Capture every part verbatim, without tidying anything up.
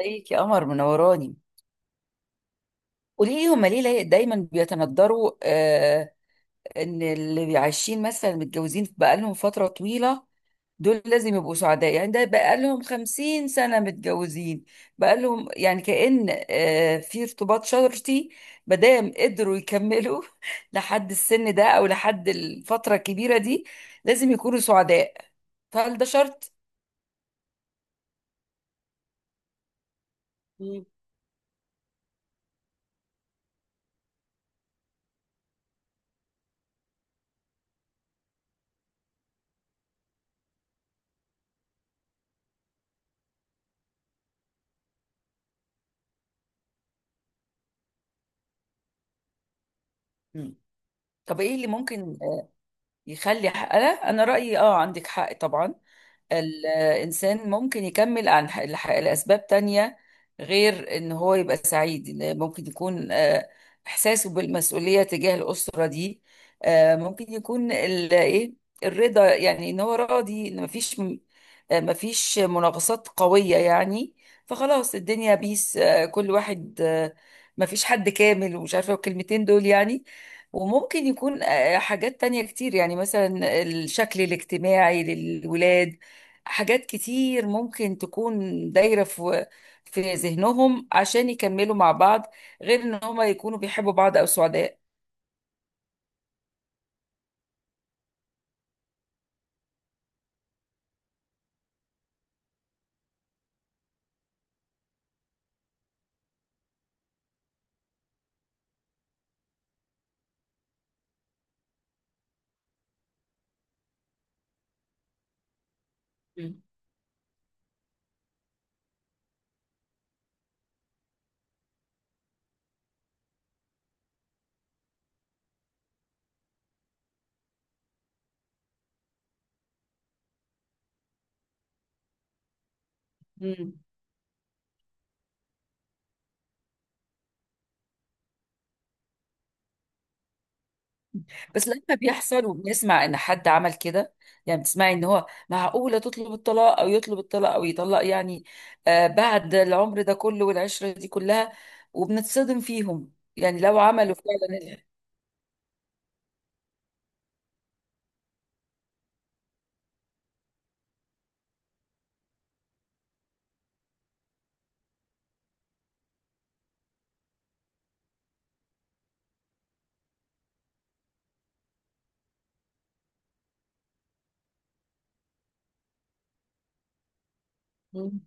ازيك يا قمر، منوراني. قولي لي، هما ليه لي- دايما بيتندروا، آه ان اللي عايشين مثلا متجوزين بقالهم فترة طويلة، دول لازم يبقوا سعداء. يعني ده بقالهم خمسين سنة متجوزين، بقالهم يعني كأن آه في ارتباط شرطي. مادام قدروا يكملوا لحد السن ده او لحد الفترة الكبيرة دي، لازم يكونوا سعداء. فهل ده شرط؟ مم. مم. طب ايه اللي ممكن يخلي حق. انا انا رأيي، اه، عندك حق طبعا. الإنسان ممكن يكمل عن ح- لح- لأسباب تانية غير إن هو يبقى سعيد. إن ممكن يكون آه، إحساسه بالمسؤولية تجاه الأسرة دي. آه، ممكن يكون ال- إيه، الرضا، يعني إن هو راضي إن مفيش م- آه، مفيش مناقصات قوية يعني. فخلاص، الدنيا بيس، آه، كل واحد، آه، مفيش حد كامل، ومش عارفة الكلمتين دول يعني. وممكن يكون آه، حاجات تانية كتير، يعني مثلا الشكل الاجتماعي للولاد. حاجات كتير ممكن تكون دايرة في في ذهنهم عشان يكملوا مع بعض، غير ان هما يكونوا بيحبوا بعض او سعداء. مم. مم. بس لما بيحصل وبنسمع ان حد عمل كده، يعني بتسمعي ان هو، معقولة تطلب الطلاق او يطلب الطلاق او يطلق، يعني آه بعد العمر ده كله والعشرة دي كلها، وبنتصدم فيهم. يعني لو عملوا فعلا. ال- مم.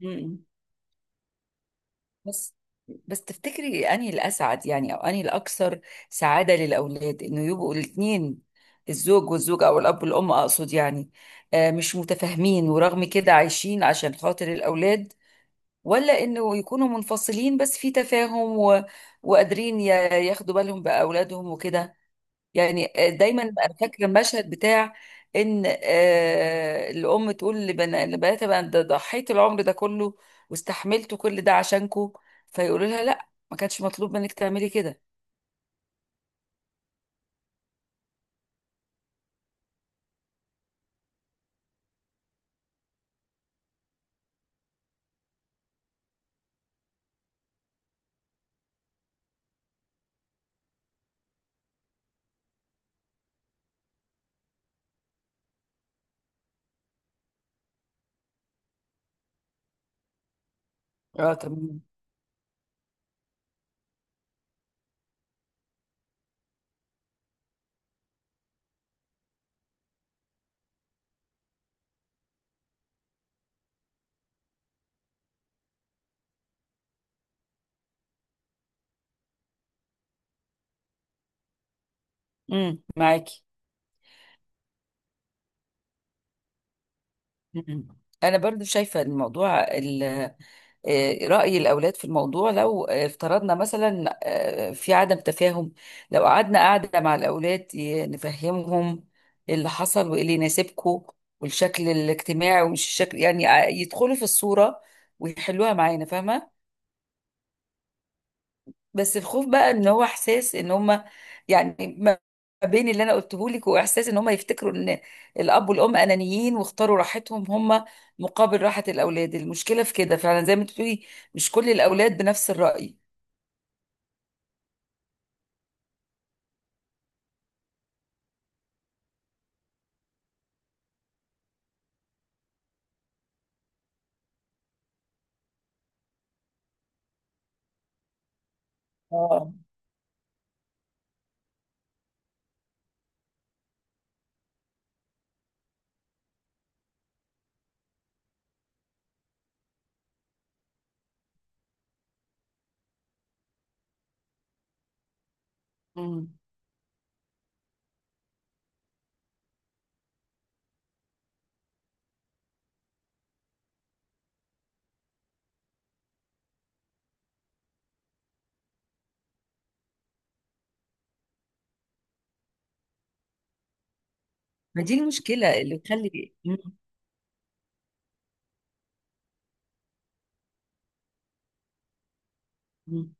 مم. بس بس تفتكري انهي الاسعد، يعني، او انهي الاكثر سعاده للاولاد، انه يبقوا الاثنين، الزوج والزوجه او الاب والام اقصد، يعني آه، مش متفاهمين ورغم كده عايشين عشان خاطر الاولاد، ولا انه يكونوا منفصلين بس في تفاهم و... وقادرين ي- ياخدوا بالهم باولادهم وكده. يعني، آه، دايما انا فاكره المشهد بتاع ان آه، الام تقول لبنا- لبناتها، بقى ده ضحيت العمر ده كله واستحملت كل ده عشانكو، فيقولوا لها لا، ما كانش مطلوب منك تعملي كده. اه، تمام. امم معاكي. مم. انا برضو شايفه الموضوع، آه، رأي الأولاد في الموضوع، لو آه، افترضنا مثلا آه، في عدم تفاهم، لو قعدنا قعدة مع الأولاد ي- نفهمهم اللي حصل، وإيه اللي يناسبكم، والشكل الاجتماعي، ومش الشكل، يعني ع- يدخلوا في الصورة ويحلوها معانا، فاهمة. بس الخوف بقى إن هو إحساس إن هما، يعني ما ما بين اللي أنا قلته لك، وإحساس إن هما يفتكروا إن الأب والأم أنانيين واختاروا راحتهم هما مقابل راحة الأولاد. المشكلة في كده فعلا، زي ما أنت بتقولي، مش كل الأولاد بنفس الرأي. اه. مم. ما دي المشكلة اللي تخلي. مم. مم.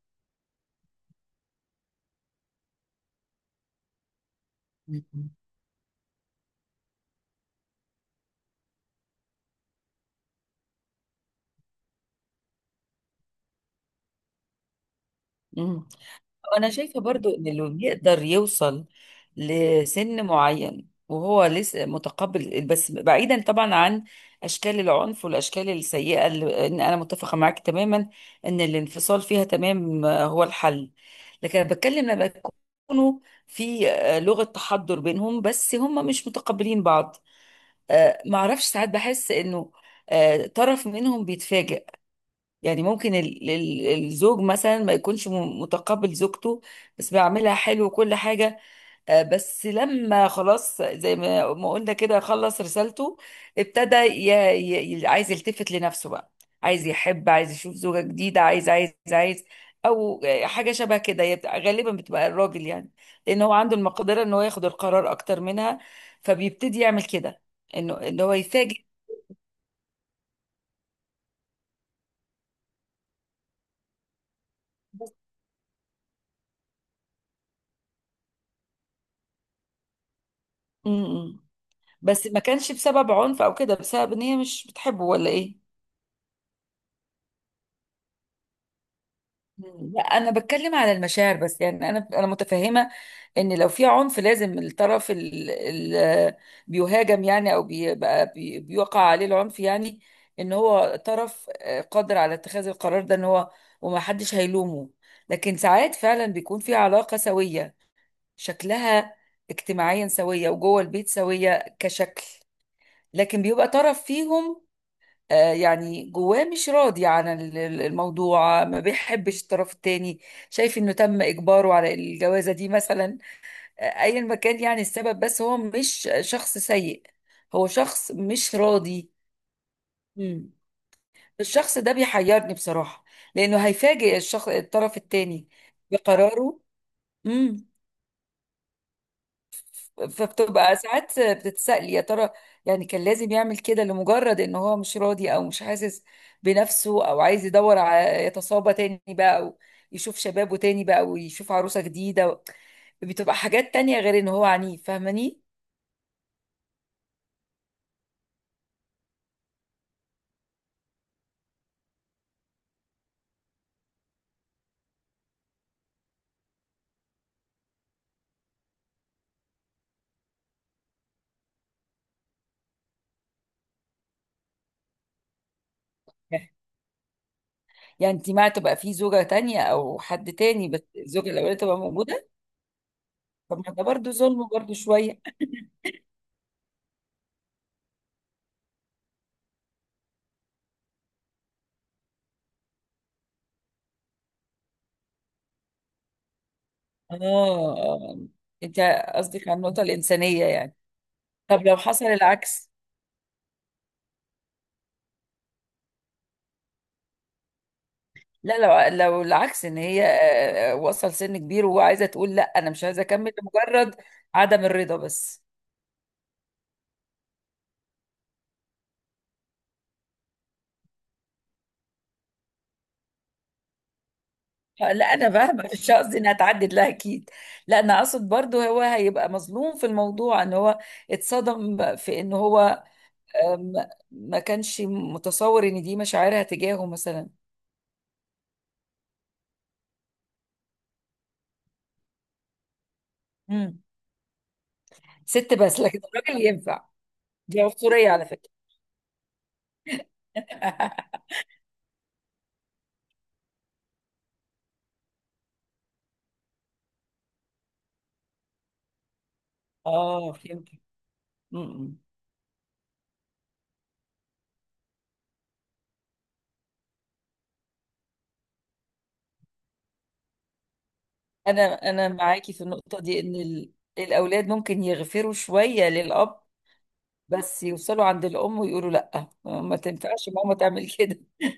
مم. مم. أنا شايفة برضو إن اللي يقدر يوصل لسن معين وهو لسه متقبل، بس بعيدا طبعا عن أشكال العنف والأشكال السيئة، اللي إن أنا متفقة معاك تماما إن الانفصال فيها تمام، آه، هو الحل. لكن أنا بتكلم لما يكونوا في آه، لغة تحضر بينهم بس هم مش متقبلين بعض. آه، معرفش، ساعات بحس انه آه، طرف منهم بيتفاجئ. يعني ممكن ال- ال- الزوج مثلا ما يكونش م- متقبل زوجته، بس بيعملها حلو وكل حاجة. آه، بس لما خلاص، زي ما ما قلنا كده، خلص رسالته، ابتدى ي... ي... ي- عايز يلتفت لنفسه بقى، عايز يحب، عايز يشوف زوجة جديدة، عايز عايز عايز، او آه، حاجة شبه كده. هي بت- غالبا بتبقى الراجل، يعني لان هو عنده المقدرة ان هو ياخد القرار اكتر منها، فبيبتدي يعمل كده، انه ان هو يفاجئ. م- م. بس ما كانش بسبب عنف او كده، بسبب ان هي مش بتحبه ولا ايه. مم. لا، انا بتكلم على المشاعر بس، يعني انا انا متفهمه ان لو في عنف، لازم الطرف اللي بيهاجم، يعني، او بيبقى بي- بيوقع عليه العنف، يعني ان هو طرف آه، قادر على اتخاذ القرار ده، ان هو وما حدش هيلومه. لكن ساعات فعلا بيكون في علاقه سويه، شكلها اجتماعيا سويه، وجوه البيت سويه، كشكل. لكن بيبقى طرف فيهم آه، يعني جواه مش راضي عن ال- ال- الموضوع، ما بيحبش الطرف التاني، شايف انه تم اجباره على الجوازة دي مثلا، آه، ايا ما كان يعني السبب، بس هو مش شخص سيء، هو شخص مش راضي. مم. الشخص ده بيحيرني بصراحة، لانه هيفاجئ الشخص الطرف التاني بقراره. امم. فبتبقى ساعات بتتسألي، يا ترى يعني كان لازم يعمل كده لمجرد ان هو مش راضي، او مش حاسس بنفسه، او عايز يدور على، يتصابى تاني بقى، او يشوف شبابه تاني بقى ويشوف عروسة جديدة، بتبقى حاجات تانية غير ان هو عنيف، فاهماني. يعني انت مع تبقى في زوجة تانية او حد تاني، بس الزوجة الاولانية تبقى موجودة؟ طب ما ده برضه ظلم، برضه شوية. اه. آه. انت قصدك على النقطة الإنسانية يعني. طب لو حصل العكس. لا، لو لو العكس ان هي آه، آه، وصل سن كبير وعايزه تقول لا انا مش عايزه اكمل لمجرد عدم الرضا بس. آه، لا، انا فاهمه. مش قصدي انها تعدد، لا اكيد. لا، انا اقصد برضو هو هيبقى مظلوم في الموضوع، ان هو اتصدم في ان هو آم، ما كانش متصور ان دي مشاعرها تجاهه مثلا. مم. ست بس لكن الراجل ينفع؟ دي عنصريه على فكره. اه، فهمت. انا انا معاكي في النقطه دي، ان ال- الاولاد ممكن يغفروا شويه للاب، بس يوصلوا عند الام ويقولوا لا، ما تنفعش ماما تعمل كده.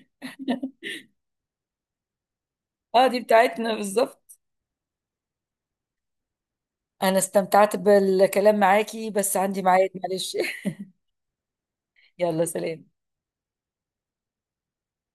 اه، دي بتاعتنا بالظبط. انا استمتعت بالكلام معاكي بس عندي ميعاد، معلش. يلا، سلام.